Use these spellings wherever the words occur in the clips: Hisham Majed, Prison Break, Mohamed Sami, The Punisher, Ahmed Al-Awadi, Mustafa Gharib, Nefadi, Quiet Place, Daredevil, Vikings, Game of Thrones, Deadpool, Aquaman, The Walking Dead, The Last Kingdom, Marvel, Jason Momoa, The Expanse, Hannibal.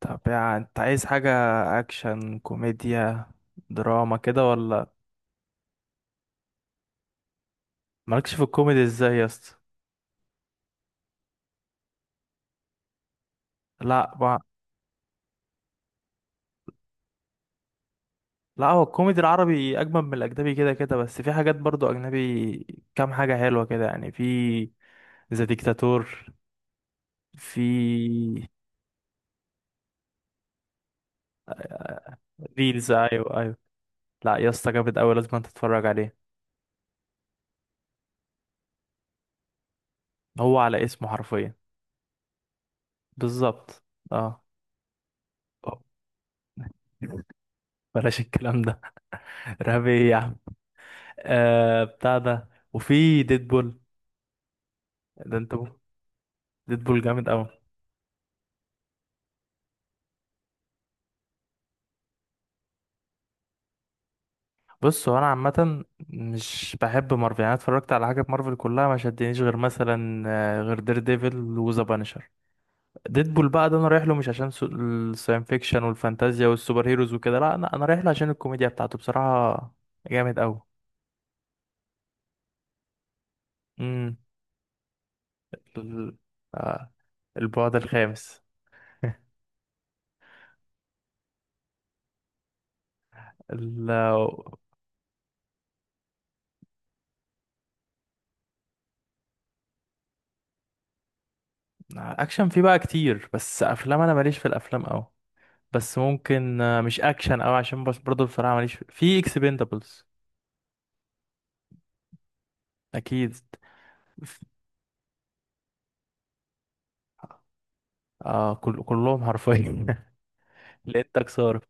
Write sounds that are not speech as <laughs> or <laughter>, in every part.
طب يعني انت عايز حاجة اكشن كوميديا دراما كده ولا؟ مالكش في الكوميدي ازاي يا اسطى؟ لا ما... لا، هو الكوميدي العربي اجمل من الاجنبي كده كده، بس في حاجات برضو اجنبي، كام حاجة حلوة كده يعني. في ذا ديكتاتور. في ريلز، ايوه ايوه. لا يا اسطى جامد اوي، لازم انت تتفرج عليه. هو على اسمه حرفيا. بالظبط. اه. <laughs> بلاش الكلام ده. <laughs> رهيب يا عم. آه بتاع ده، وفي ديدبول. ده انت. ديدبول جامد قوي. بص، هو انا عامه مش بحب مارفل، يعني أنا اتفرجت على حاجه في مارفل كلها ما شدنيش غير مثلا، غير دير ديفل وذا بانشر. ديدبول بقى ده انا رايح له مش عشان الساين فيكشن والفانتازيا والسوبر هيروز وكده، لا انا رايح له عشان الكوميديا بتاعته بصراحه. جامد قوي. امم ال- آه، البعد الخامس. <laughs> الاكشن فيه بقى كتير، بس افلام انا ماليش في الافلام قوي. بس ممكن، مش اكشن قوي عشان بس، برضه بصراحه ماليش في اكسبندبلز. اكيد. اه، كلهم حرفيا. <laughs> لقيتك صارف.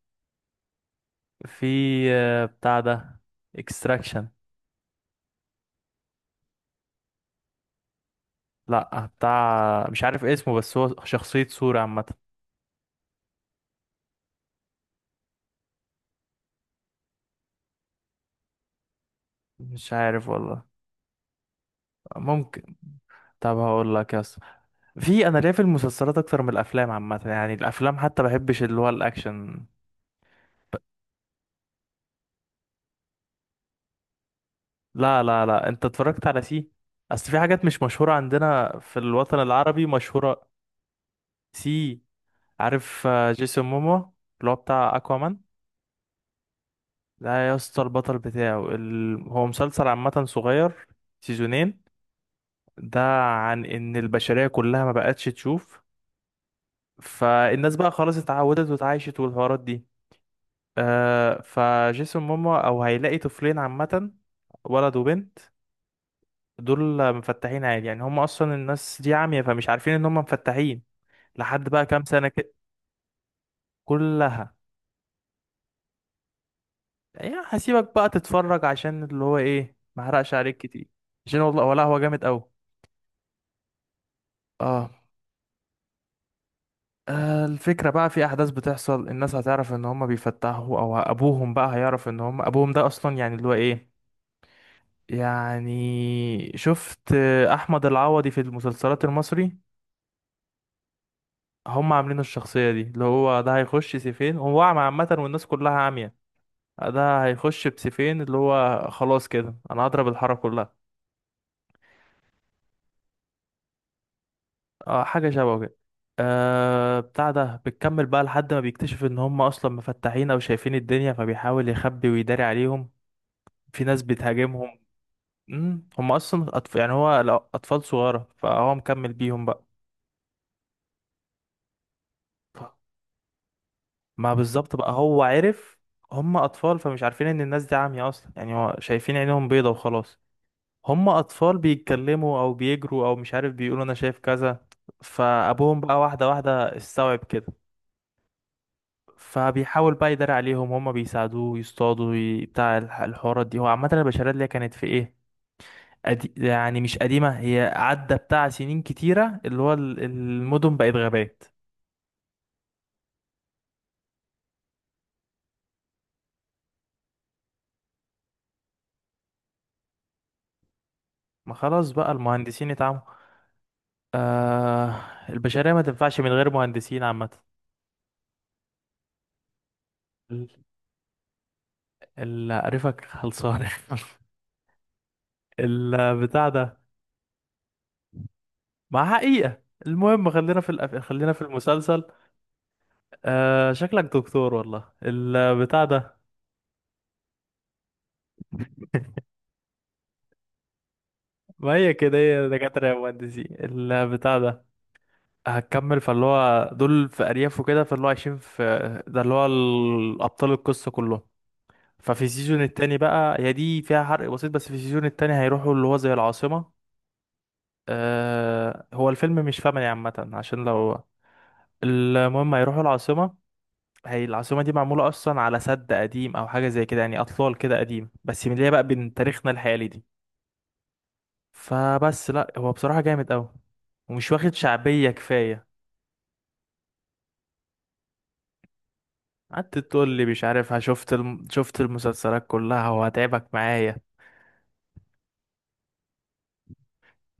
في، بتاع ده، اكستراكشن. لا، بتاع مش عارف اسمه، بس هو شخصية صورة عامة. مش عارف والله. ممكن. طب هقول لك يا اسطى، في انا ليا في المسلسلات اكتر من الافلام عامة، يعني الافلام حتى بحبش اللي هو الاكشن. لا لا لا، انت اتفرجت على سي؟ اصل في حاجات مش مشهورة عندنا في الوطن العربي مشهورة. سي. عارف جيسون مومو؟ اللي هو بتاع اكوامان. لا يا اسطى، البطل بتاعه هو مسلسل عامة صغير، سيزونين. ده عن ان البشرية كلها ما بقتش تشوف، فالناس بقى خلاص اتعودت واتعايشت والحوارات دي. آه، فجيسون ماما او هيلاقي طفلين عامة، ولد وبنت. دول مفتحين عادي، يعني هم اصلا الناس دي عمية فمش عارفين ان هم مفتحين. لحد بقى كام سنة كده. كلها. يعني هسيبك بقى تتفرج عشان اللي هو ايه، ما احرقش عليك كتير، عشان والله ولا هو جامد قوي. اه. الفكرة بقى في أحداث بتحصل الناس هتعرف إن هما بيفتحوا، أو أبوهم بقى هيعرف إن هما أبوهم ده أصلا، يعني اللي هو إيه. يعني شفت أحمد العوضي في المسلسلات المصري؟ هما عاملين الشخصية دي اللي هو ده هيخش سيفين، هو أعمى عامة والناس كلها عامية، ده هيخش بسيفين اللي هو خلاص كده، أنا هضرب الحارة كلها. أه حاجة شبه كده. أه بتاع ده بتكمل بقى لحد ما بيكتشف إن هما أصلا مفتحين أو شايفين الدنيا، فبيحاول يخبي ويداري عليهم. في ناس بتهاجمهم. هم اصلا يعني اطفال صغيره فهو مكمل بيهم بقى. ف- ما بالظبط بقى، هو عرف هم اطفال فمش عارفين ان الناس دي عمية اصلا، يعني هو شايفين عينهم بيضة وخلاص. هم اطفال بيتكلموا او بيجروا او مش عارف بيقولوا انا شايف كذا، فابوهم بقى واحدة واحدة استوعب كده. فبيحاول بقى يداري عليهم، هم بيساعدوه يصطادوا، بتاع الحوارات دي. هو عامة البشرية اللي هي كانت في ايه، يعني مش قديمة، هي عدى بتاع سنين كتيرة، اللي هو المدن بقت غابات. ما خلاص بقى المهندسين اتعموا. آه... البشرية ما تنفعش من غير مهندسين عامة. ال- اللي عارفك خلصان. <laughs> البتاع ده. مع حقيقة. المهم خلينا في خلينا في المسلسل. شكلك دكتور والله البتاع ده. ما هي كده هي دكاترة يا مهندسين البتاع ده. هتكمل، فاللي هو دول في ارياف وكده، فاللي هو عايشين في، ده اللي هو ابطال القصه كلهم. ففي السيزون التاني بقى، هي دي فيها حرق بسيط، بس في السيزون التاني هيروحوا اللي هو زي العاصمه. آه، هو الفيلم مش فاهمني عامه عشان لو، المهم هيروحوا العاصمه. هي العاصمه دي معموله اصلا على سد قديم او حاجه زي كده، يعني اطلال كده قديم بس من اللي هي بقى بين تاريخنا الحالي دي. فبس لا، هو بصراحه جامد قوي، ومش واخد شعبيه كفايه. قعدت تقول لي مش عارف، ها، شفت شفت المسلسلات كلها وهتعبك معايا.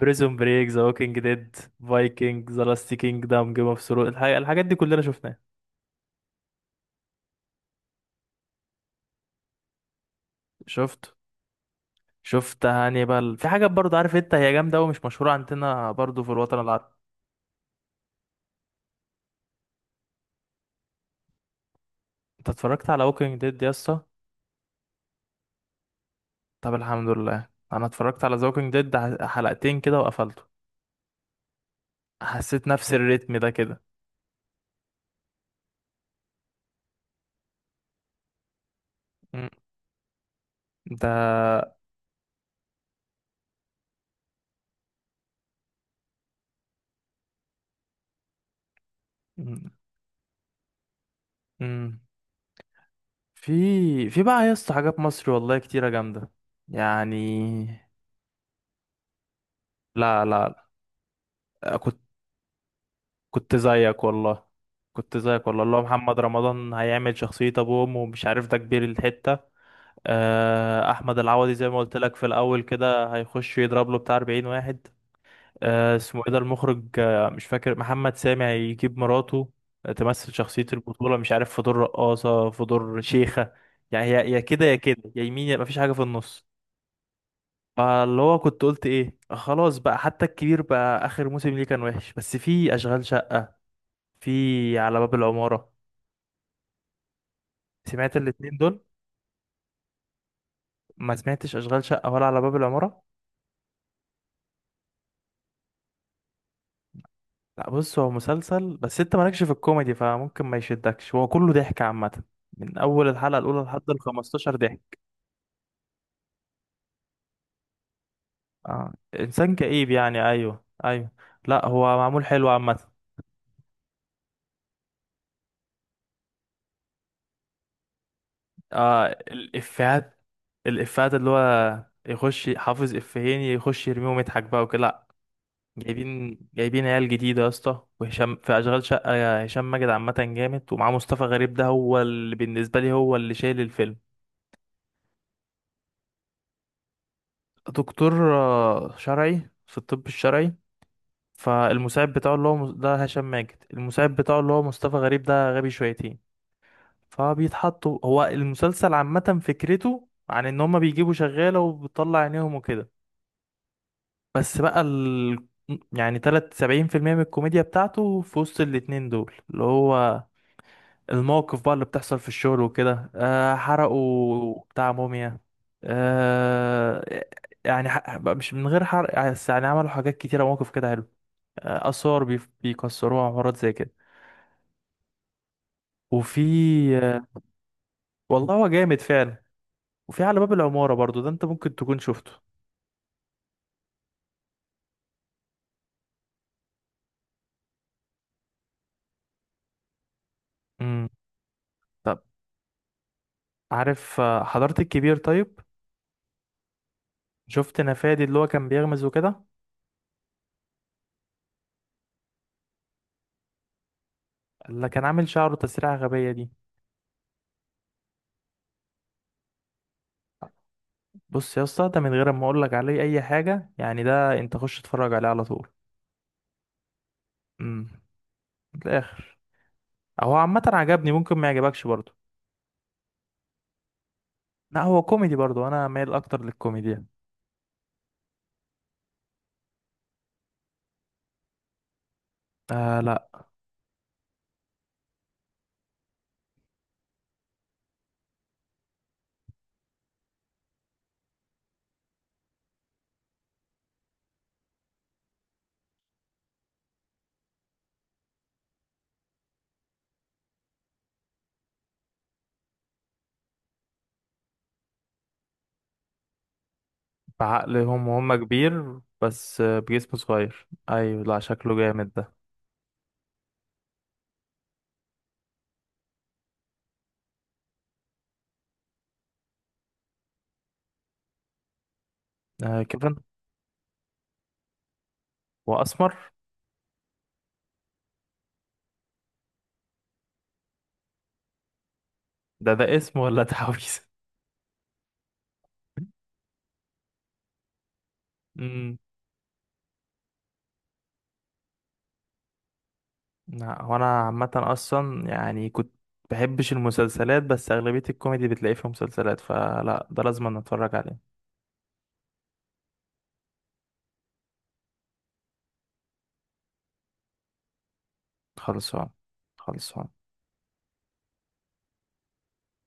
بريزون بريك، ذا ووكينج ديد، فايكنج، ذا لاست كينجدم، جيم اوف ثرونز، الحاجات دي كلنا شفناها. شفت شفت هانيبال، في حاجات برضو عارف انت، هي جامده ومش مشهوره عندنا برضو في الوطن العربي. انت اتفرجت على ووكينج ديد يا اسطى؟ طب الحمد لله، انا اتفرجت على ذا ووكينج ديد حلقتين كده وقفلته. حسيت نفس الريتم ده كده. مم. ده. مم. في، في بقى يا اسطى، حاجات مصري والله كتيرة جامدة. يعني، لا لا. لا، كنت زيك والله، كنت زيك والله. اللي هو محمد رمضان هيعمل شخصية أبوه وأمه ومش عارف ده كبير الحتة. أحمد العوضي زي ما قلت لك في الأول كده هيخش يضرب له بتاع 40 واحد. اسمه إيه ده المخرج، مش فاكر، محمد سامي هيجيب مراته، تمثل شخصية البطولة، مش عارف في دور رقاصة في دور شيخة. يعني يا كده يا كده، يا يمين يا مفيش حاجة في النص. فاللي هو كنت قلت ايه، آه خلاص بقى، حتى الكبير بقى اخر موسم ليه كان وحش، بس في اشغال شقة، في على باب العمارة. سمعت الاتنين دول؟ ما سمعتش اشغال شقة ولا على باب العمارة؟ لا بص، هو مسلسل بس انت مالكش في الكوميدي فممكن ما يشدكش، هو كله ضحك عامة، من اول الحلقة الاولى لحد ال 15 ضحك. آه. انسان كئيب يعني، ايوه ايوه. لا هو معمول حلو عامة. آه الافيهات. الافيهات اللي هو يخش حافظ افيهين يخش يرميهم يضحك بقى وكده. جايبين عيال جديدة يا اسطى، وهشام في أشغال شقة، يا هشام ماجد عامة جامد، ومعاه مصطفى غريب ده هو اللي بالنسبة لي هو اللي شايل الفيلم. دكتور شرعي في الطب الشرعي. فالمساعد بتاعه اللي هو ده هشام ماجد، المساعد بتاعه اللي هو مصطفى غريب ده غبي شويتين. فبيتحطوا، هو المسلسل عامة فكرته عن ان هما بيجيبوا شغالة وبتطلع عينيهم وكده. بس بقى ال... يعني تلات سبعين في المية من الكوميديا بتاعته في وسط الاتنين دول، اللي هو المواقف بقى اللي بتحصل في الشغل وكده، آه حرقوا بتاع موميا. آه، يعني مش من غير حرق يعني، بس يعني عملوا حاجات كتيرة مواقف كده حلو، آه آثار بيكسروها وحوارات زي كده. وفي، آه، والله هو جامد فعلا. وفي على باب العمارة برضو ده انت ممكن تكون شفته. امم. طب عارف حضرت الكبير طيب، شفت نفادي اللي هو كان بيغمز وكده؟ اللي كان عامل شعره تسريحة غبية دي. بص يا اسطى، ده من غير ما اقول لك عليه اي حاجه، يعني ده انت خش اتفرج عليه على طول. امم. في الاخر، هو عامه عجبني، ممكن ما يعجبكش برضه. لا هو كوميدي برضه، انا مايل اكتر للكوميديا. آه لا. بعقلهم هم كبير بس، بجسم صغير، ايوه، لا شكله جامد ده. آه كيفن، واسمر. ده ده اسم ولا تعويذه؟ <laughs> امم. لا هو انا عامه اصلا يعني كنت بحبش المسلسلات، بس اغلبيه الكوميدي بتلاقيه في مسلسلات، فلا ده لازم نتفرج عليه. خلصان. خلصان.